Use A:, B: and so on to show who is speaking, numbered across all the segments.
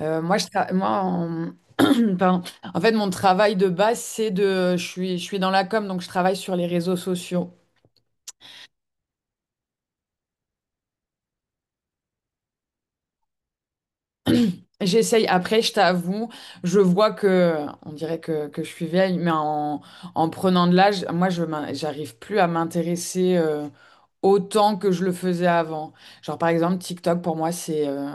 A: Moi, je tra- moi en... pardon. En fait, mon travail de base, c'est de... je suis dans la com, donc je travaille sur les réseaux sociaux. J'essaye, après, je t'avoue, je vois que, on dirait que je suis vieille, mais en prenant de l'âge, moi, j'arrive plus à m'intéresser autant que je le faisais avant. Genre, par exemple, TikTok, pour moi, c'est euh,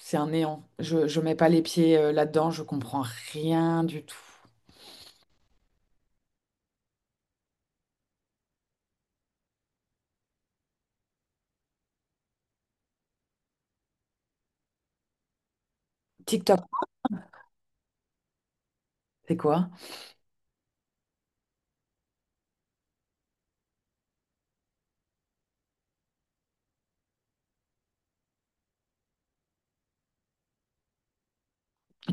A: c'est un néant. Je mets pas les pieds là-dedans, je comprends rien du tout. TikTok, c'est quoi?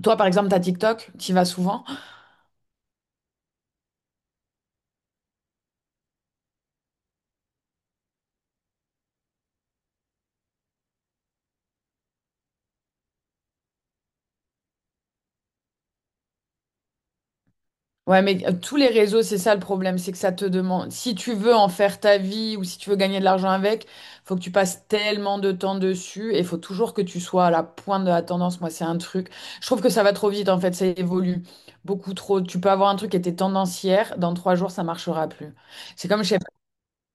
A: Toi, par exemple, t'as TikTok, t'y vas souvent? Ouais, mais tous les réseaux, c'est ça le problème, c'est que ça te demande, si tu veux en faire ta vie ou si tu veux gagner de l'argent avec, faut que tu passes tellement de temps dessus et faut toujours que tu sois à la pointe de la tendance. Moi, c'est un truc. Je trouve que ça va trop vite, en fait, ça évolue beaucoup trop. Tu peux avoir un truc qui était tendance hier, dans 3 jours, ça marchera plus. C'est comme, je sais pas,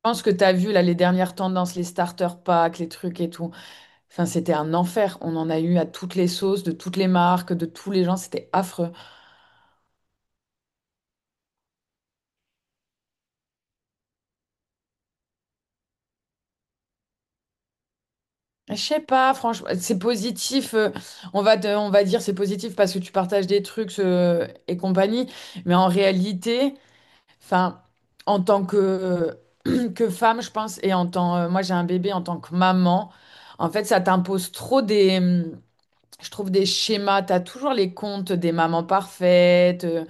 A: je pense que tu as vu là les dernières tendances, les starter packs, les trucs et tout. Enfin, c'était un enfer. On en a eu à toutes les sauces, de toutes les marques, de tous les gens, c'était affreux. Je sais pas, franchement, c'est positif. On va dire c'est positif parce que tu partages des trucs et compagnie. Mais en réalité, enfin, en tant que femme, je pense, et en tant, moi j'ai un bébé en tant que maman, en fait, ça t'impose trop des, je trouve des schémas. T'as toujours les comptes des mamans parfaites.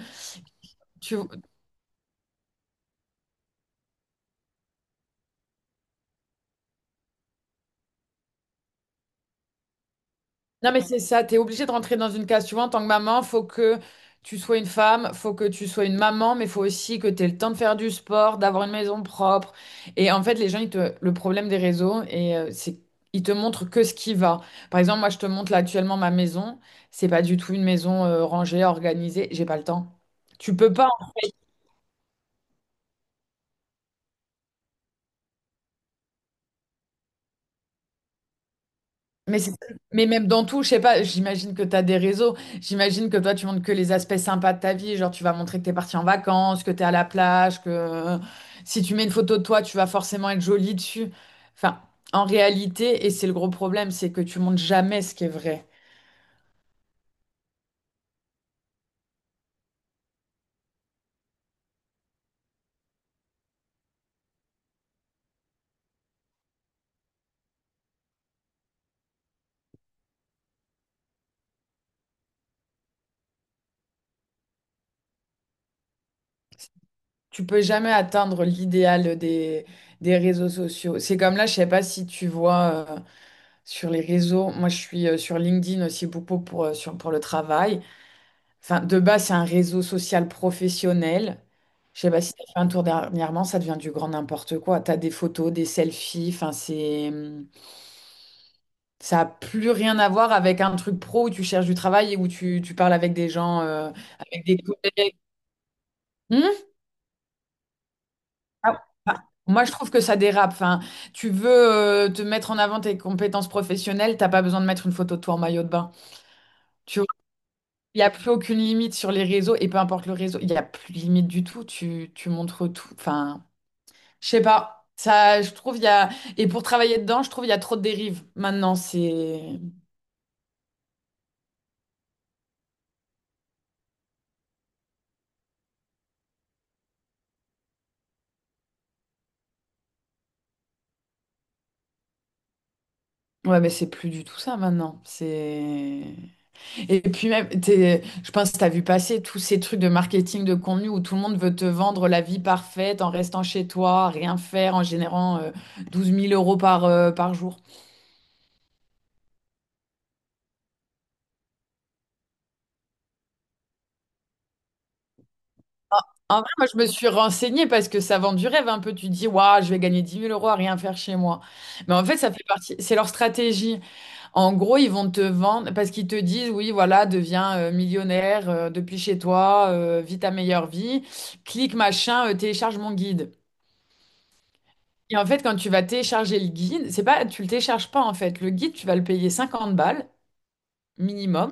A: tu, Non, mais c'est ça, t'es obligée de rentrer dans une case. Tu vois, en tant que maman, faut que tu sois une femme, faut que tu sois une maman, mais faut aussi que tu aies le temps de faire du sport, d'avoir une maison propre. Et en fait, les gens, ils te... le problème des réseaux, c'est ils te montrent que ce qui va. Par exemple, moi, je te montre là actuellement ma maison. C'est pas du tout une maison rangée, organisée. J'ai pas le temps. Tu peux pas. Mais, c'est- mais même dans tout, je sais pas, j'imagine que tu as des réseaux, j'imagine que toi tu montres que les aspects sympas de ta vie, genre tu vas montrer que tu es parti en vacances, que tu es à la plage, que si tu mets une photo de toi, tu vas forcément être jolie dessus. Enfin, en réalité, et c'est le gros problème, c'est que tu montres jamais ce qui est vrai. Tu peux jamais atteindre l'idéal des réseaux sociaux. C'est comme là, je sais pas si tu vois sur les réseaux, moi je suis sur LinkedIn aussi beaucoup pour, pour le travail. Enfin, de base, c'est un réseau social professionnel. Je sais pas si tu as fait un tour dernièrement, ça devient du grand n'importe quoi. Tu as des photos, des selfies, enfin, ça n'a plus rien à voir avec un truc pro où tu cherches du travail et où tu parles avec des gens, avec des collègues. Hmm. Ah, ah, moi, je trouve que ça dérape. Enfin, tu veux te mettre en avant tes compétences professionnelles, t'as pas besoin de mettre une photo de toi en maillot de bain. Tu vois, il n'y a plus aucune limite sur les réseaux et peu importe le réseau, il n'y a plus de limite du tout. Tu montres tout. Enfin... Je sais pas. Ça, je trouve, il y a... Et pour travailler dedans, je trouve, il y a trop de dérives. Maintenant, c'est... Ouais, mais c'est plus du tout ça, maintenant. C'est... Et puis même, je pense que t'as vu passer tous ces trucs de marketing de contenu où tout le monde veut te vendre la vie parfaite en restant chez toi, à rien faire, en générant 12 000 euros par jour. En vrai, moi, je me suis renseignée parce que ça vend du rêve un peu. Tu te dis, waouh, je vais gagner 10 000 € à rien faire chez moi. Mais en fait, ça fait partie... C'est leur stratégie. En gros, ils vont te vendre parce qu'ils te disent, oui, voilà, deviens millionnaire depuis chez toi, vis ta meilleure vie, clique machin, télécharge mon guide. Et en fait, quand tu vas télécharger le guide, c'est pas, tu le télécharges pas en fait. Le guide, tu vas le payer 50 balles minimum.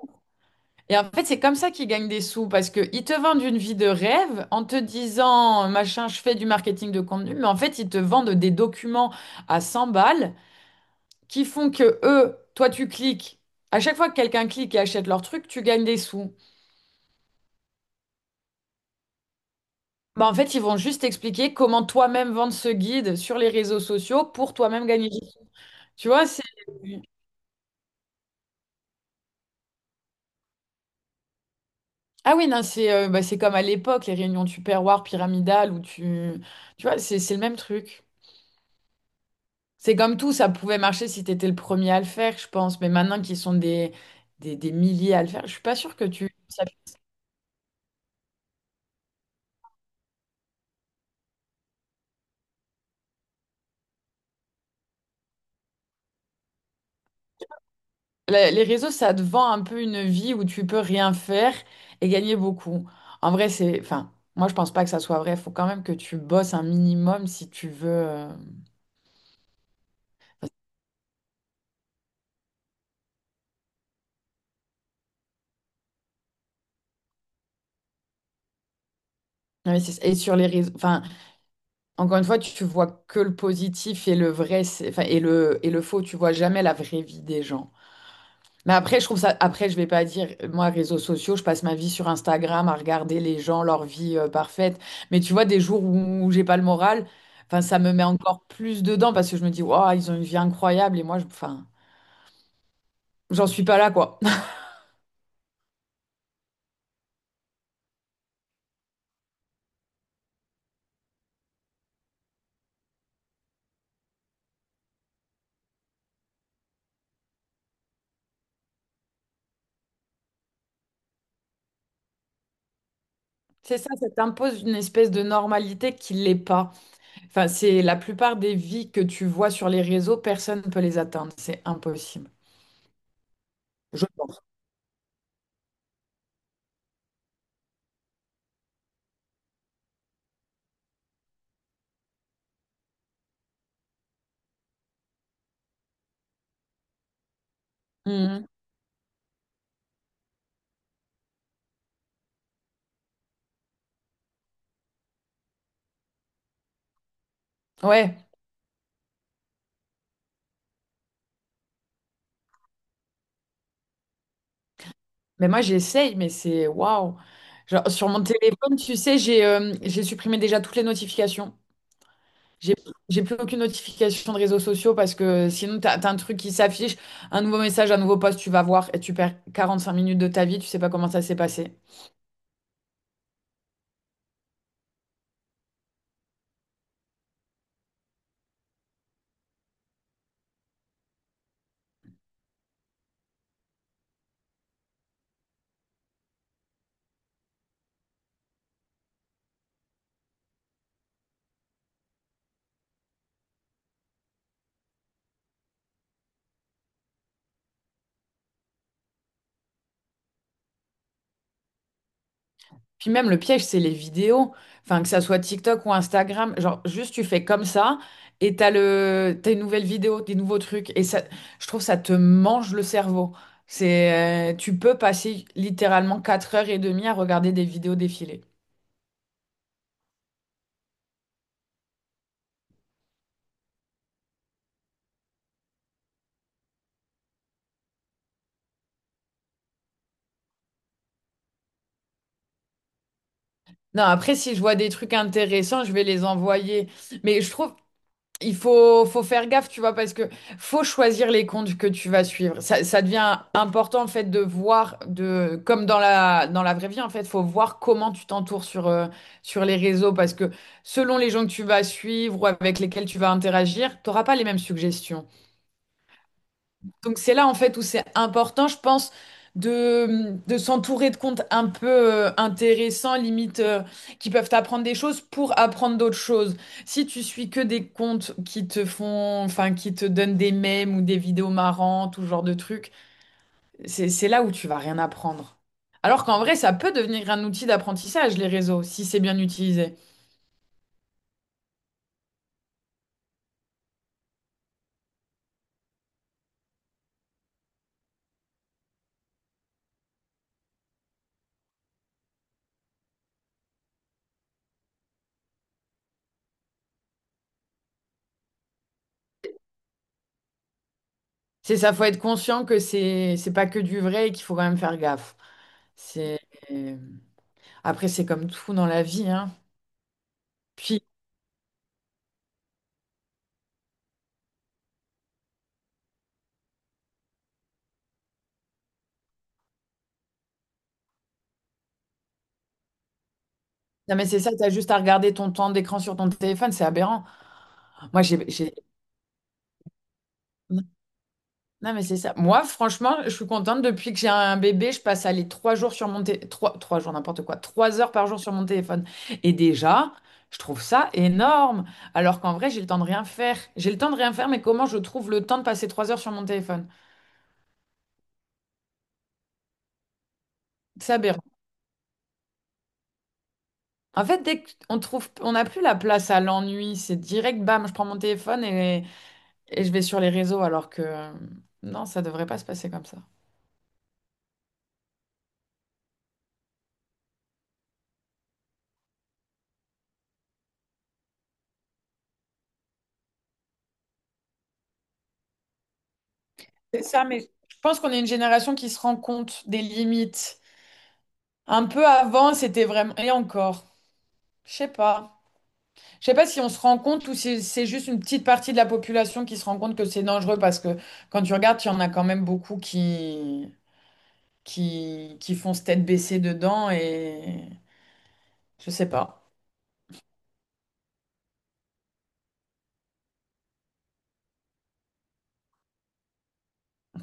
A: Et en fait, c'est comme ça qu'ils gagnent des sous parce qu'ils te vendent une vie de rêve en te disant, machin, je fais du marketing de contenu, mais en fait, ils te vendent des documents à 100 balles qui font que eux, toi tu cliques, à chaque fois que quelqu'un clique et achète leur truc, tu gagnes des sous. Bah en fait, ils vont juste expliquer comment toi-même vendre ce guide sur les réseaux sociaux pour toi-même gagner des sous. Tu vois, c'est... Ah oui, non, c'est bah, c'est comme à l'époque, les réunions Tupperware pyramidales où tu... Tu vois, c'est le même truc. C'est comme tout, ça pouvait marcher si t'étais le premier à le faire, je pense. Mais maintenant qu'ils sont des milliers à le faire, je suis pas sûre que tu... Les réseaux, ça te vend un peu une vie où tu peux rien faire et gagner beaucoup. En vrai, c'est, enfin, moi, je pense pas que ça soit vrai. Faut quand même que tu bosses un minimum si tu veux. Investir. Et sur les réseaux, enfin, encore une fois, tu vois que le positif et le vrai, enfin, et le faux. Tu vois jamais la vraie vie des gens. Mais après, je trouve ça. Après, je vais pas dire, moi, réseaux sociaux, je passe ma vie sur Instagram à regarder les gens, leur vie parfaite. Mais tu vois, des jours où j'ai pas le moral, enfin, ça me met encore plus dedans parce que je me dis, waouh, ils ont une vie incroyable et moi, enfin, j'en suis pas là, quoi. C'est ça, ça t'impose une espèce de normalité qui l'est pas. Enfin, c'est la plupart des vies que tu vois sur les réseaux, personne ne peut les atteindre. C'est impossible. Je pense. Mhm. Ouais. Mais moi, j'essaye, mais c'est waouh. Genre, sur mon téléphone, tu sais, j'ai supprimé déjà toutes les notifications. J'ai j'ai plus aucune notification de réseaux sociaux parce que sinon, t'as un truc qui s'affiche, un nouveau message, un nouveau post, tu vas voir et tu perds 45 minutes de ta vie, tu sais pas comment ça s'est passé. Puis même le piège, c'est les vidéos. Enfin, que ça soit TikTok ou Instagram, genre juste tu fais comme ça et t'as une nouvelle vidéo, des nouveaux trucs. Et ça, je trouve ça te mange le cerveau. Tu peux passer littéralement 4 heures et demie à regarder des vidéos défiler. Non, après, si je vois des trucs intéressants, je vais les envoyer. Mais je trouve, il faut faire gaffe, tu vois, parce que faut choisir les comptes que tu vas suivre. Ça devient important, en fait, de voir, comme dans la vraie vie, en fait, faut voir comment tu t'entoures sur les réseaux, parce que selon les gens que tu vas suivre ou avec lesquels tu vas interagir, t'auras pas les mêmes suggestions. Donc c'est là en fait où c'est important, je pense, de s'entourer de comptes un peu intéressants, limite, qui peuvent t'apprendre des choses pour apprendre d'autres choses. Si tu suis que des comptes qui te font, enfin, qui te donnent des mèmes ou des vidéos marrantes ou ce genre de trucs, c'est là où tu vas rien apprendre. Alors qu'en vrai, ça peut devenir un outil d'apprentissage, les réseaux, si c'est bien utilisé. C'est ça, faut être conscient que c'est pas que du vrai et qu'il faut quand même faire gaffe. C'est... Après, c'est comme tout dans la vie, hein. Puis, non, mais c'est ça, t'as juste à regarder ton temps d'écran sur ton téléphone, c'est aberrant. Moi, j'ai, j'ai- Non, mais c'est ça. Moi, franchement, je suis contente. Depuis que j'ai un bébé, je passe à les 3 jours sur mon téléphone. Trois, trois jours, n'importe quoi. 3 heures par jour sur mon téléphone. Et déjà, je trouve ça énorme. Alors qu'en vrai, j'ai le temps de rien faire. J'ai le temps de rien faire, mais comment je trouve le temps de passer 3 heures sur mon téléphone? C'est aberrant. En fait, dès qu'on trouve, on n'a plus la place à l'ennui, c'est direct, bam, je prends mon téléphone et je vais sur les réseaux, alors que non, ça devrait pas se passer comme ça. C'est ça, mais je pense qu'on est une génération qui se rend compte des limites. Un peu avant, c'était vraiment... Et encore, je sais pas. Je sais pas si on se rend compte ou si c'est juste une petite partie de la population qui se rend compte que c'est dangereux parce que quand tu regardes, il y en a quand même beaucoup qui font se tête baissée dedans et je sais pas.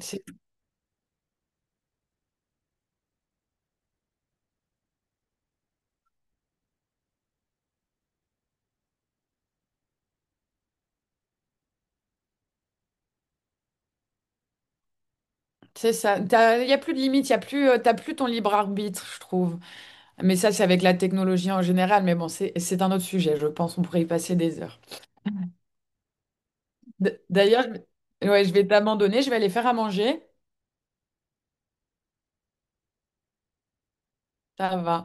A: C'est c'est ça. Il y a plus de limites, il y a plus, t'as plus ton libre arbitre, je trouve. Mais ça, c'est avec la technologie en général. Mais bon, c'est un autre sujet. Je pense qu'on pourrait y passer des heures. D'ailleurs, je ouais, je vais t'abandonner, je vais aller faire à manger. Ça va.